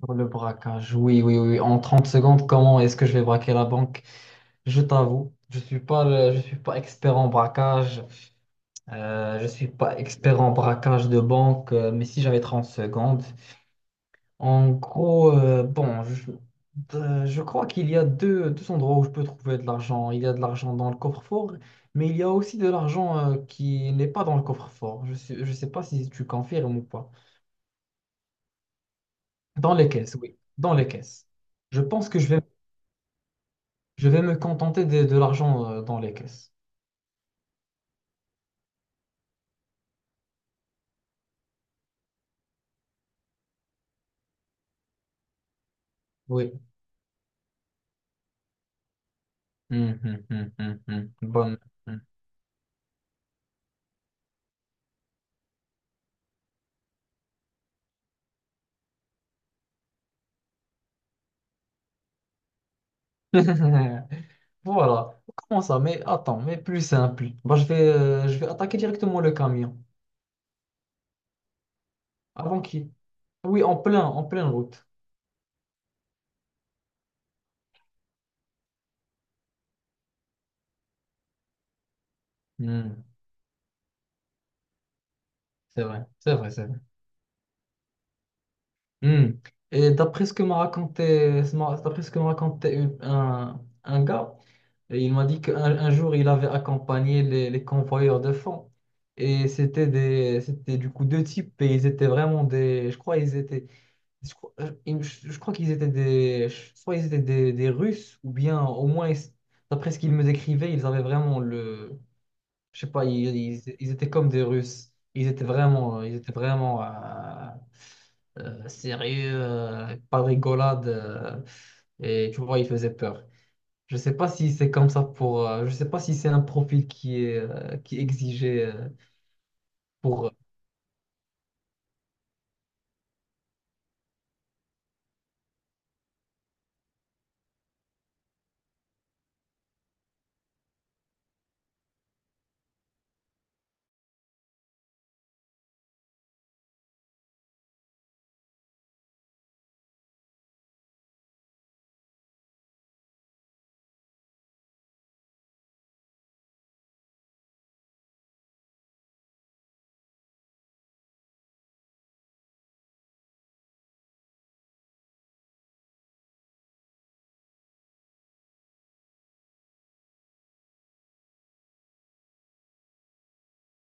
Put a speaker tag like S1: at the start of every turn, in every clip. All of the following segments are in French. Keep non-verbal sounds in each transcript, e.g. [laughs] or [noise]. S1: Pour le braquage, oui, oui, oui. En 30 secondes, comment est-ce que je vais braquer la banque? Je t'avoue, je suis pas expert en braquage. Je suis pas expert en braquage de banque, mais si j'avais 30 secondes. En gros, bon, je crois qu'il y a deux endroits où je peux trouver de l'argent. Il y a de l'argent dans le coffre-fort, mais il y a aussi de l'argent, qui n'est pas dans le coffre-fort. Je sais pas si tu confirmes ou pas. Dans les caisses, oui. Dans les caisses. Je pense que je vais Je vais me contenter de l'argent dans les caisses. Oui. Bonne. Hum. [laughs] Voilà. Comment ça? Mais attends, mais plus simple. Bah, je vais attaquer directement le camion. Avant qui? Oui, en pleine route. Hum. C'est vrai, c'est vrai, c'est vrai. Hmm. Et d'après ce que m'a raconté un gars, et il m'a dit qu'un un jour il avait accompagné les convoyeurs de fonds. Et c'était du coup deux types et ils étaient vraiment des, je crois ils étaient, je crois, ils- je crois qu'ils étaient soit ils étaient des Russes ou bien au moins ils- d'après ce qu'ils me décrivaient, ils avaient vraiment le, je sais pas, ils étaient comme des Russes. Ils étaient vraiment sérieux, pas de rigolade. Et tu vois, ils faisaient peur. Je sais pas si c'est comme ça pour. Je sais pas si c'est un profil qui est exigé pour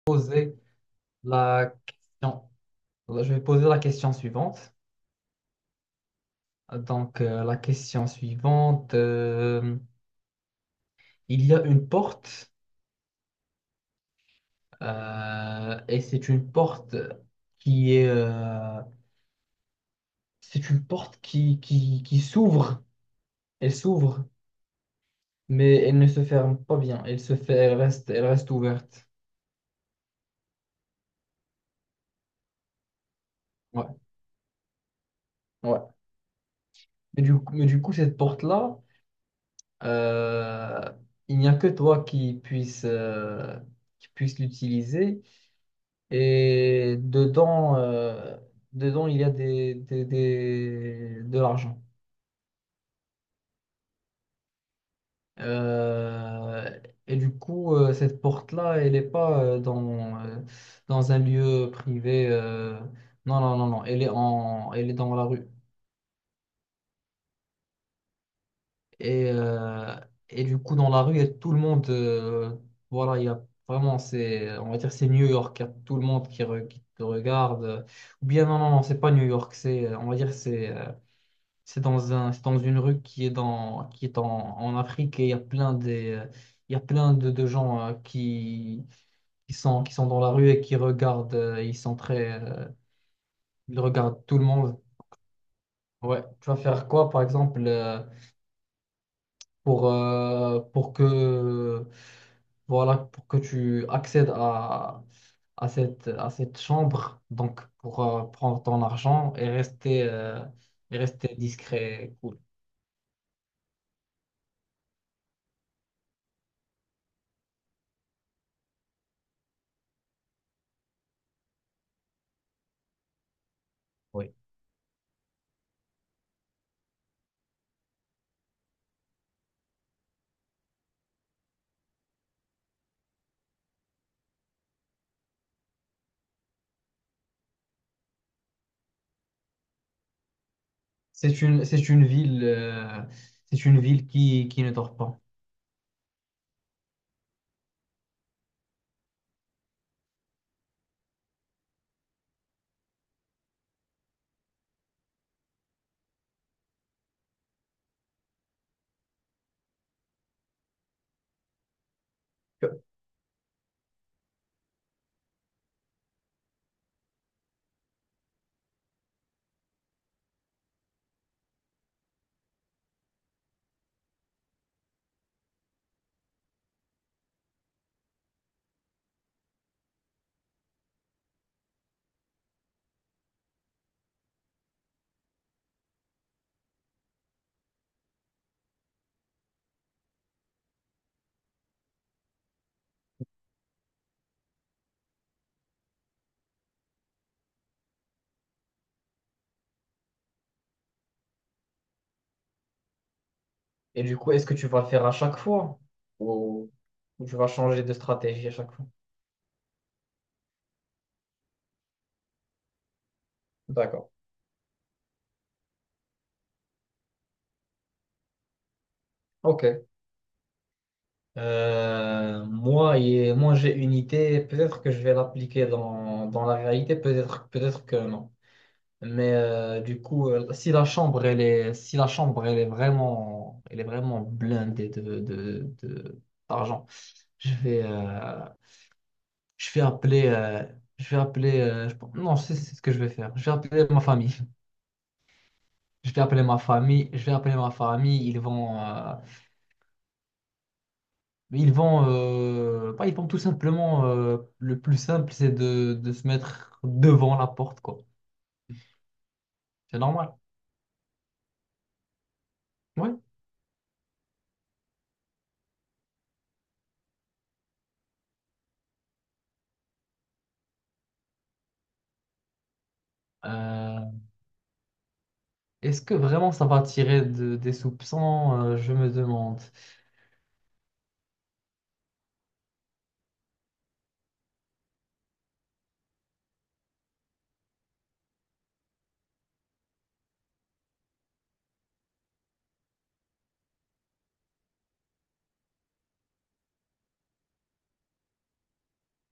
S1: poser la question. Poser la question suivante. Donc, la question suivante. Il y a une porte euh, et c'est une porte qui est euh, c'est une porte qui s'ouvre. Elle s'ouvre, mais elle ne se ferme pas bien. Elle se fait, elle reste ouverte. Ouais, ouais. Mais du coup, cette porte-là, euh, il n'y a que toi qui puisse l'utiliser. Et dedans, il y a de l'argent. Euh, et du coup, cette porte-là, elle n'est pas dans un lieu privé. Non, non, non, non. Elle est dans la rue. Et, euh, et du coup, dans la rue, il y a tout le monde. Voilà, il y a vraiment, c'est, on va dire, c'est New York. Il y a tout le monde qui te regarde. Ou bien, non, non, non, c'est pas New York. On va dire, c'est dans une rue qui est qui est en Afrique, et il y a il y a plein de gens qui qui sont dans la rue et qui regardent, ils sont très, ils regardent tout le monde. Ouais. Tu vas faire quoi, par exemple, pour que, voilà, pour que tu accèdes à à cette chambre, donc pour prendre ton argent et rester discret, et cool. Oui. C'est une, c'est une ville, euh, c'est une ville qui ne dort pas. Et du coup, est-ce que tu vas le faire à chaque fois ou, ou tu vas changer de stratégie à chaque fois? D'accord. Ok. Moi, moi, j'ai une idée. Peut-être que je vais l'appliquer dans la réalité. Peut-être, peut-être que non. Mais du coup, si la chambre, si la chambre, elle est vraiment blindée d'argent. je vais, euh, je vais appeler, euh, je vais appeler, non, c'est ce que je vais faire. Je vais appeler ma famille. Je vais appeler ma famille, ils vont, bah, ils vont tout simplement, le plus simple, c'est de se mettre devant la porte, quoi. C'est normal. Oui. Euh, Est-ce que vraiment ça va attirer des soupçons? Je me demande.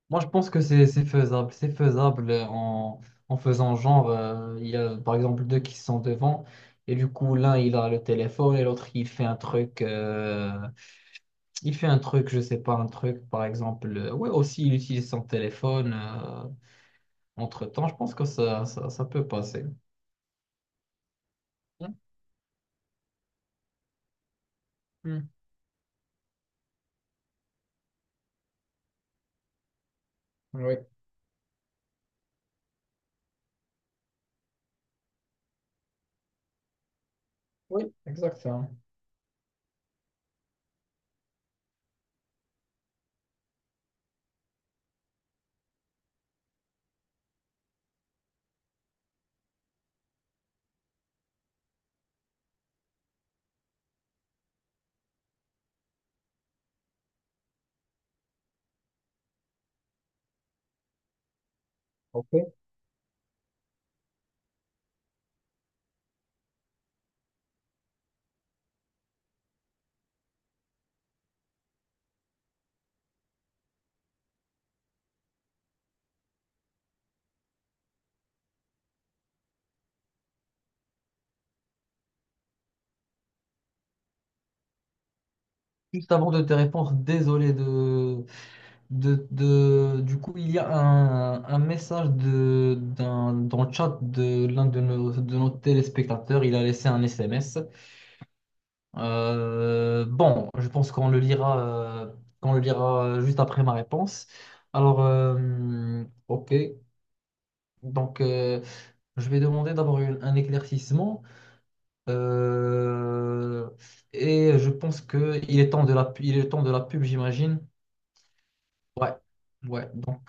S1: Moi, je pense que c'est faisable. C'est faisable en faisant genre, il y a par exemple deux qui sont devant, et du coup, l'un, il a le téléphone, et l'autre, il fait un truc. Il fait un truc, je sais pas, un truc, par exemple. Ouais, aussi, il utilise son téléphone entre-temps. Je pense que ça peut passer. Hmm, hmm. Oui, oui, exactement. Ok. Juste avant de te répondre, désolé du coup, il y a un message dans le chat de l'un de nos téléspectateurs. Il a laissé un SMS. Bon, je pense qu'on le lira, euh, juste après ma réponse. Alors, ok. Donc, je vais demander d'abord un éclaircissement. Euh, et je pense que il est temps de la, pu- il est temps de la pub, j'imagine. Ouais, ouais. Donc,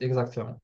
S1: exactement.